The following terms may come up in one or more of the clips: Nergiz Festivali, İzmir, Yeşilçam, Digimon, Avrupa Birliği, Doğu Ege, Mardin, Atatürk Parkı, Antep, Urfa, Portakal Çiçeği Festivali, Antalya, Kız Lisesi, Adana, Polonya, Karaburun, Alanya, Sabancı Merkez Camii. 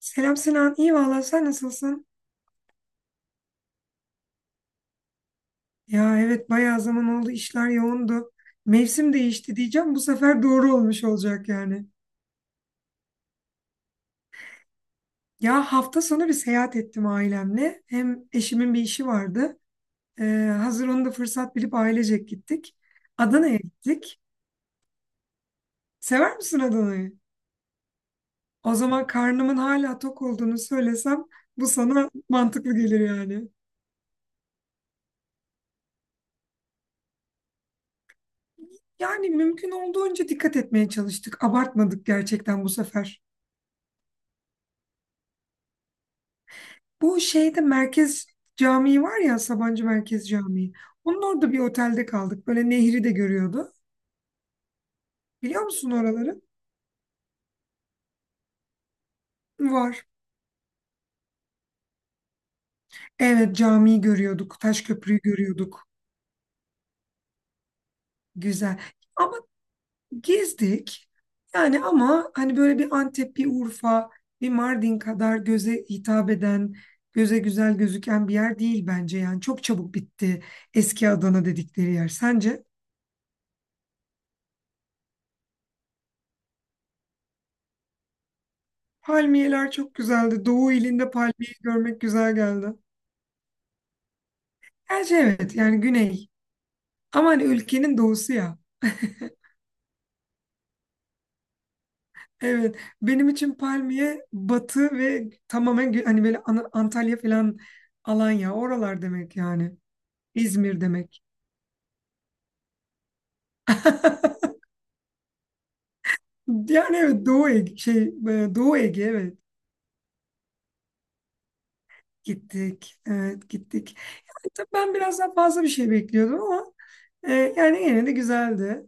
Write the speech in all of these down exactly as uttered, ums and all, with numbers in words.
Selam Sinan, iyi valla sen nasılsın? Ya evet bayağı zaman oldu işler yoğundu. Mevsim değişti diyeceğim bu sefer doğru olmuş olacak yani. Ya hafta sonu bir seyahat ettim ailemle. Hem eşimin bir işi vardı. Ee, hazır onu da fırsat bilip ailecek gittik. Adana'ya gittik. Sever misin Adana'yı? O zaman karnımın hala tok olduğunu söylesem bu sana mantıklı gelir yani. Yani mümkün olduğunca dikkat etmeye çalıştık. Abartmadık gerçekten bu sefer. Bu şeyde merkez camii var ya, Sabancı Merkez Camii. Onun orada bir otelde kaldık. Böyle nehri de görüyordu. Biliyor musun oraları? Var. Evet, camiyi görüyorduk. Taş köprüyü görüyorduk. Güzel. Ama gezdik. Yani ama hani böyle bir Antep, bir Urfa, bir Mardin kadar göze hitap eden, göze güzel gözüken bir yer değil bence. Yani çok çabuk bitti eski Adana dedikleri yer. Sence? Palmiyeler çok güzeldi. Doğu ilinde palmiye görmek güzel geldi. Gerçi evet, yani güney. Ama hani ülkenin doğusu ya. Evet, benim için palmiye batı ve tamamen gü- hani böyle Ana- Antalya falan, Alanya oralar demek yani. İzmir demek. Yani evet, Doğu Ege, şey, e, Doğu Ege, evet, gittik. Evet, gittik. Yani tabii ben biraz daha fazla bir şey bekliyordum ama E, yani yine de güzeldi.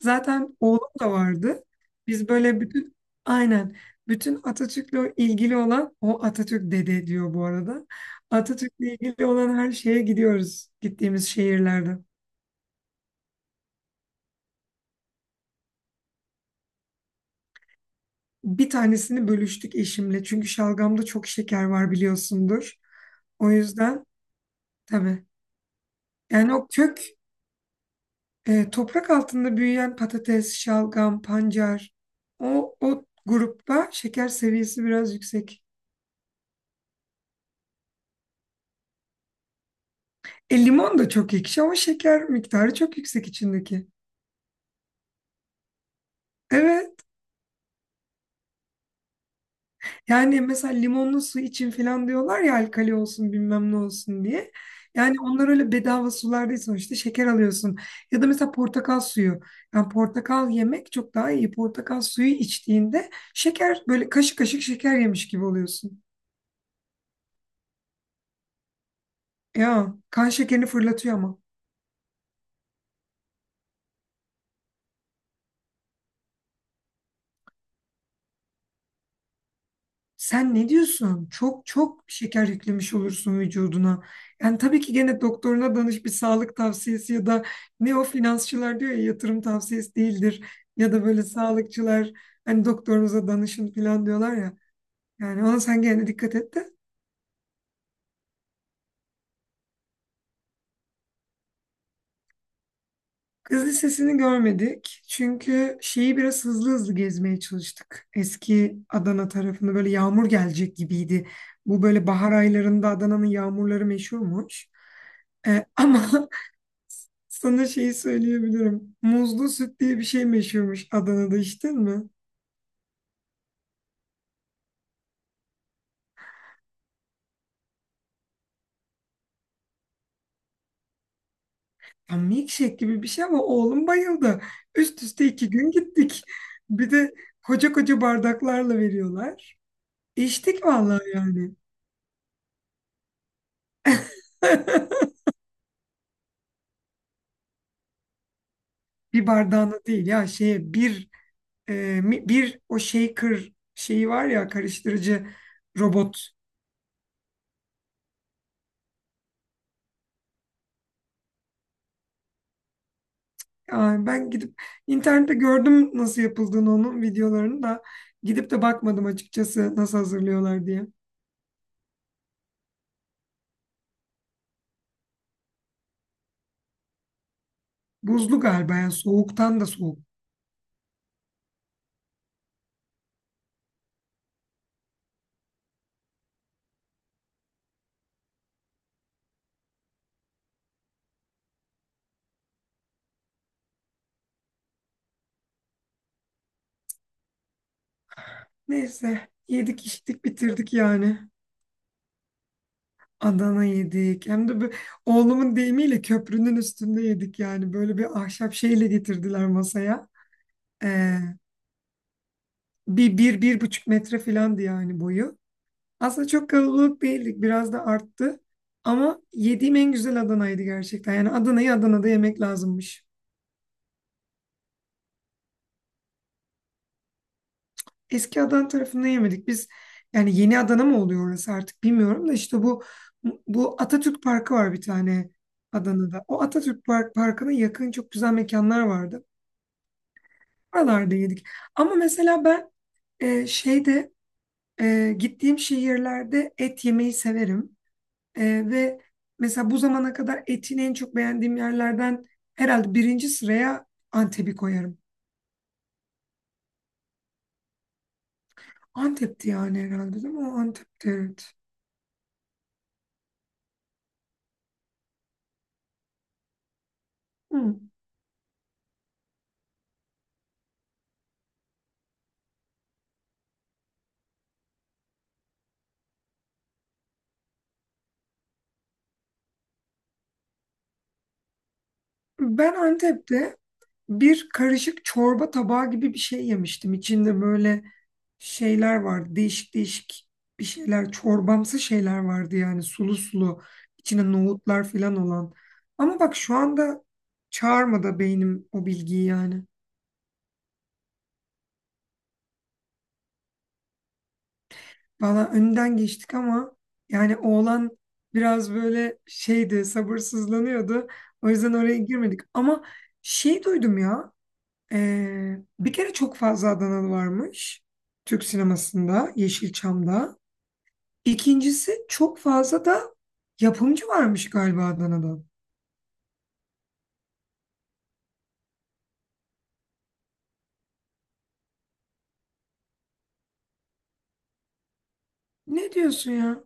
Zaten oğlum da vardı. Biz böyle bütün, aynen, bütün Atatürk'le ilgili olan, o Atatürk dede diyor bu arada. Atatürk'le ilgili olan her şeye gidiyoruz gittiğimiz şehirlerde. Bir tanesini bölüştük eşimle. Çünkü şalgamda çok şeker var, biliyorsundur. O yüzden tabii. Yani o kök, e, toprak altında büyüyen patates, şalgam, pancar, o, o grupta şeker seviyesi biraz yüksek. E, limon da çok ekşi ama şeker miktarı çok yüksek içindeki. Evet. Yani mesela limonlu su için falan diyorlar ya, alkali olsun bilmem ne olsun diye. Yani onlar öyle bedava sular değil, sonuçta şeker alıyorsun. Ya da mesela portakal suyu. Yani portakal yemek çok daha iyi. Portakal suyu içtiğinde şeker, böyle kaşık kaşık şeker yemiş gibi oluyorsun. Ya kan şekerini fırlatıyor ama. Sen ne diyorsun? Çok çok şeker yüklemiş olursun vücuduna. Yani tabii ki gene doktoruna danış, bir sağlık tavsiyesi ya da ne o finansçılar diyor ya, yatırım tavsiyesi değildir. Ya da böyle sağlıkçılar hani doktorunuza danışın falan diyorlar ya. Yani ona sen gene dikkat et de. Kız Lisesi'ni görmedik. Çünkü şeyi biraz hızlı hızlı gezmeye çalıştık. Eski Adana tarafını böyle, yağmur gelecek gibiydi. Bu böyle bahar aylarında Adana'nın yağmurları meşhurmuş. Ee, ama Sana şeyi söyleyebilirim. Muzlu süt diye bir şey meşhurmuş Adana'da, içtin mi? Ya milkshake gibi bir şey ama oğlum bayıldı. Üst üste iki gün gittik. Bir de koca koca bardaklarla veriyorlar. İçtik vallahi yani. Bir bardağına değil ya, şeye bir e, mi- bir o shaker şeyi var ya, karıştırıcı robot. Yani ben gidip internette gördüm nasıl yapıldığını, onun videolarını da gidip de bakmadım açıkçası, nasıl hazırlıyorlar diye. Buzlu galiba, yani soğuktan da soğuk. Neyse, yedik içtik bitirdik yani. Adana yedik. Hem de bu, oğlumun deyimiyle köprünün üstünde yedik yani. Böyle bir ahşap şeyle getirdiler masaya. Ee, bir, bir, bir buçuk metre filandı yani boyu. Aslında çok kalabalık değildik. Biraz da arttı. Ama yediğim en güzel Adana'ydı gerçekten. Yani Adana'yı Adana'da yemek lazımmış. Eski Adana tarafında yemedik. Biz, yani yeni Adana mı oluyor orası artık bilmiyorum da, işte bu bu Atatürk Parkı var bir tane Adana'da. O Atatürk Park, Parkı'na yakın çok güzel mekanlar vardı. Oralarda yedik. Ama mesela ben, e, şeyde, e, gittiğim şehirlerde et yemeyi severim. E, Ve mesela bu zamana kadar etin en çok beğendiğim yerlerden herhalde birinci sıraya Antep'i koyarım. Antep'ti yani, herhalde değil mi? O Antep'ti, evet. Hı. Ben Antep'te bir karışık çorba tabağı gibi bir şey yemiştim. İçinde böyle şeyler vardı. Değişik değişik bir şeyler, çorbamsı şeyler vardı yani, sulu sulu, içine nohutlar falan olan. Ama bak şu anda çağırmadı beynim o bilgiyi yani. Valla önden geçtik ama, yani oğlan biraz böyle şeydi, sabırsızlanıyordu. O yüzden oraya girmedik. Ama şey duydum ya. Ee, bir kere çok fazla Adanalı varmış Türk sinemasında, Yeşilçam'da. İkincisi çok fazla da yapımcı varmış galiba Adana'da. Ne diyorsun ya?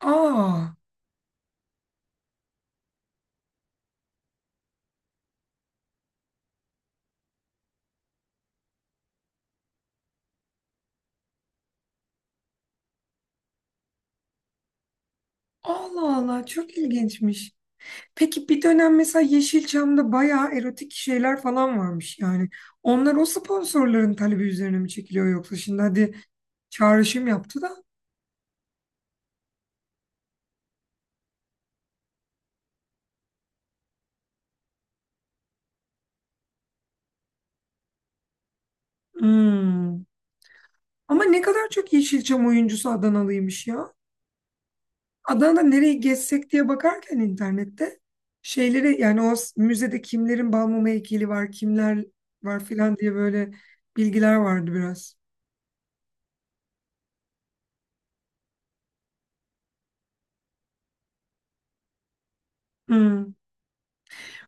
Aa, Allah Allah, çok ilginçmiş. Peki bir dönem mesela Yeşilçam'da bayağı erotik şeyler falan varmış yani. Onlar o sponsorların talebi üzerine mi çekiliyor yoksa, şimdi hadi çağrışım yaptı da. Hmm. Ama ne kadar çok Yeşilçam oyuncusu Adanalıymış ya. Adana'da nereyi gezsek diye bakarken internette şeyleri, yani o s- müzede kimlerin Balmumu heykeli var, kimler var filan diye böyle bilgiler vardı biraz. Hmm.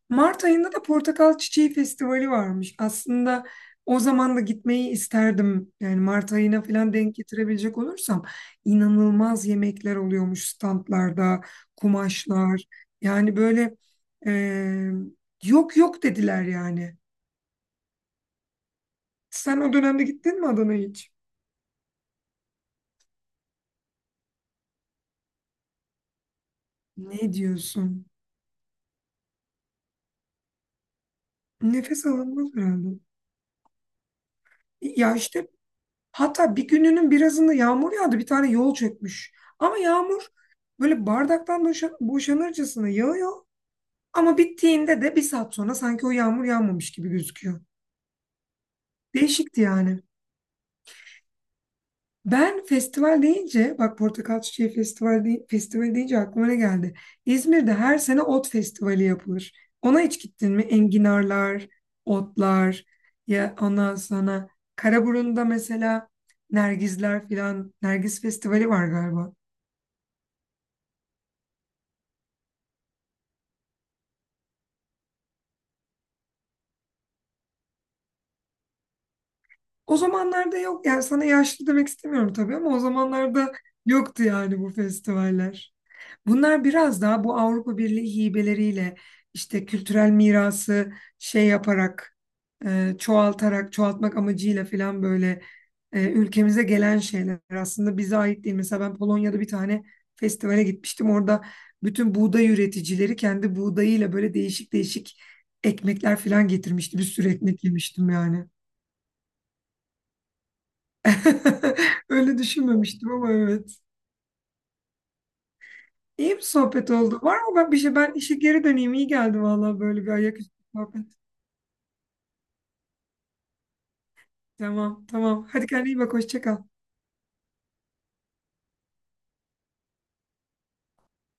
Mart ayında da Portakal Çiçeği Festivali varmış. Aslında o zaman da gitmeyi isterdim. Yani Mart ayına falan denk getirebilecek olursam inanılmaz yemekler oluyormuş standlarda, kumaşlar. Yani böyle eee, yok yok dediler yani. Sen o dönemde gittin mi Adana'ya hiç? Ne diyorsun? Nefes alınmaz herhalde. Ya işte, hatta bir gününün birazında yağmur yağdı. Bir tane yol çökmüş. Ama yağmur böyle bardaktan boşa- boşanırcasına yağıyor. Ama bittiğinde de bir saat sonra sanki o yağmur yağmamış gibi gözüküyor. Değişikti yani. Ben festival deyince, bak Portakal Çiçeği Festival dey- festivali deyince aklıma ne geldi? İzmir'de her sene ot festivali yapılır. Ona hiç gittin mi? Enginarlar, otlar, ya ondan sonra Karaburun'da mesela Nergizler filan, Nergiz Festivali var galiba. O zamanlarda yok, yani sana yaşlı demek istemiyorum tabii ama o zamanlarda yoktu yani bu festivaller. Bunlar biraz daha bu Avrupa Birliği hibeleriyle işte kültürel mirası şey yaparak, e, çoğaltarak çoğaltmak amacıyla falan böyle e, ülkemize gelen şeyler, aslında bize ait değil. Mesela ben Polonya'da bir tane festivale gitmiştim. Orada bütün buğday üreticileri kendi buğdayıyla böyle değişik değişik ekmekler falan getirmişti. Bir sürü ekmek yemiştim yani. Öyle düşünmemiştim ama evet. İyi bir sohbet oldu. Var mı ben bir şey? Ben işe geri döneyim. İyi geldi vallahi böyle bir ayaküstü sohbet. Tamam, tamam. Hadi kendine iyi bak. Hoşça kal.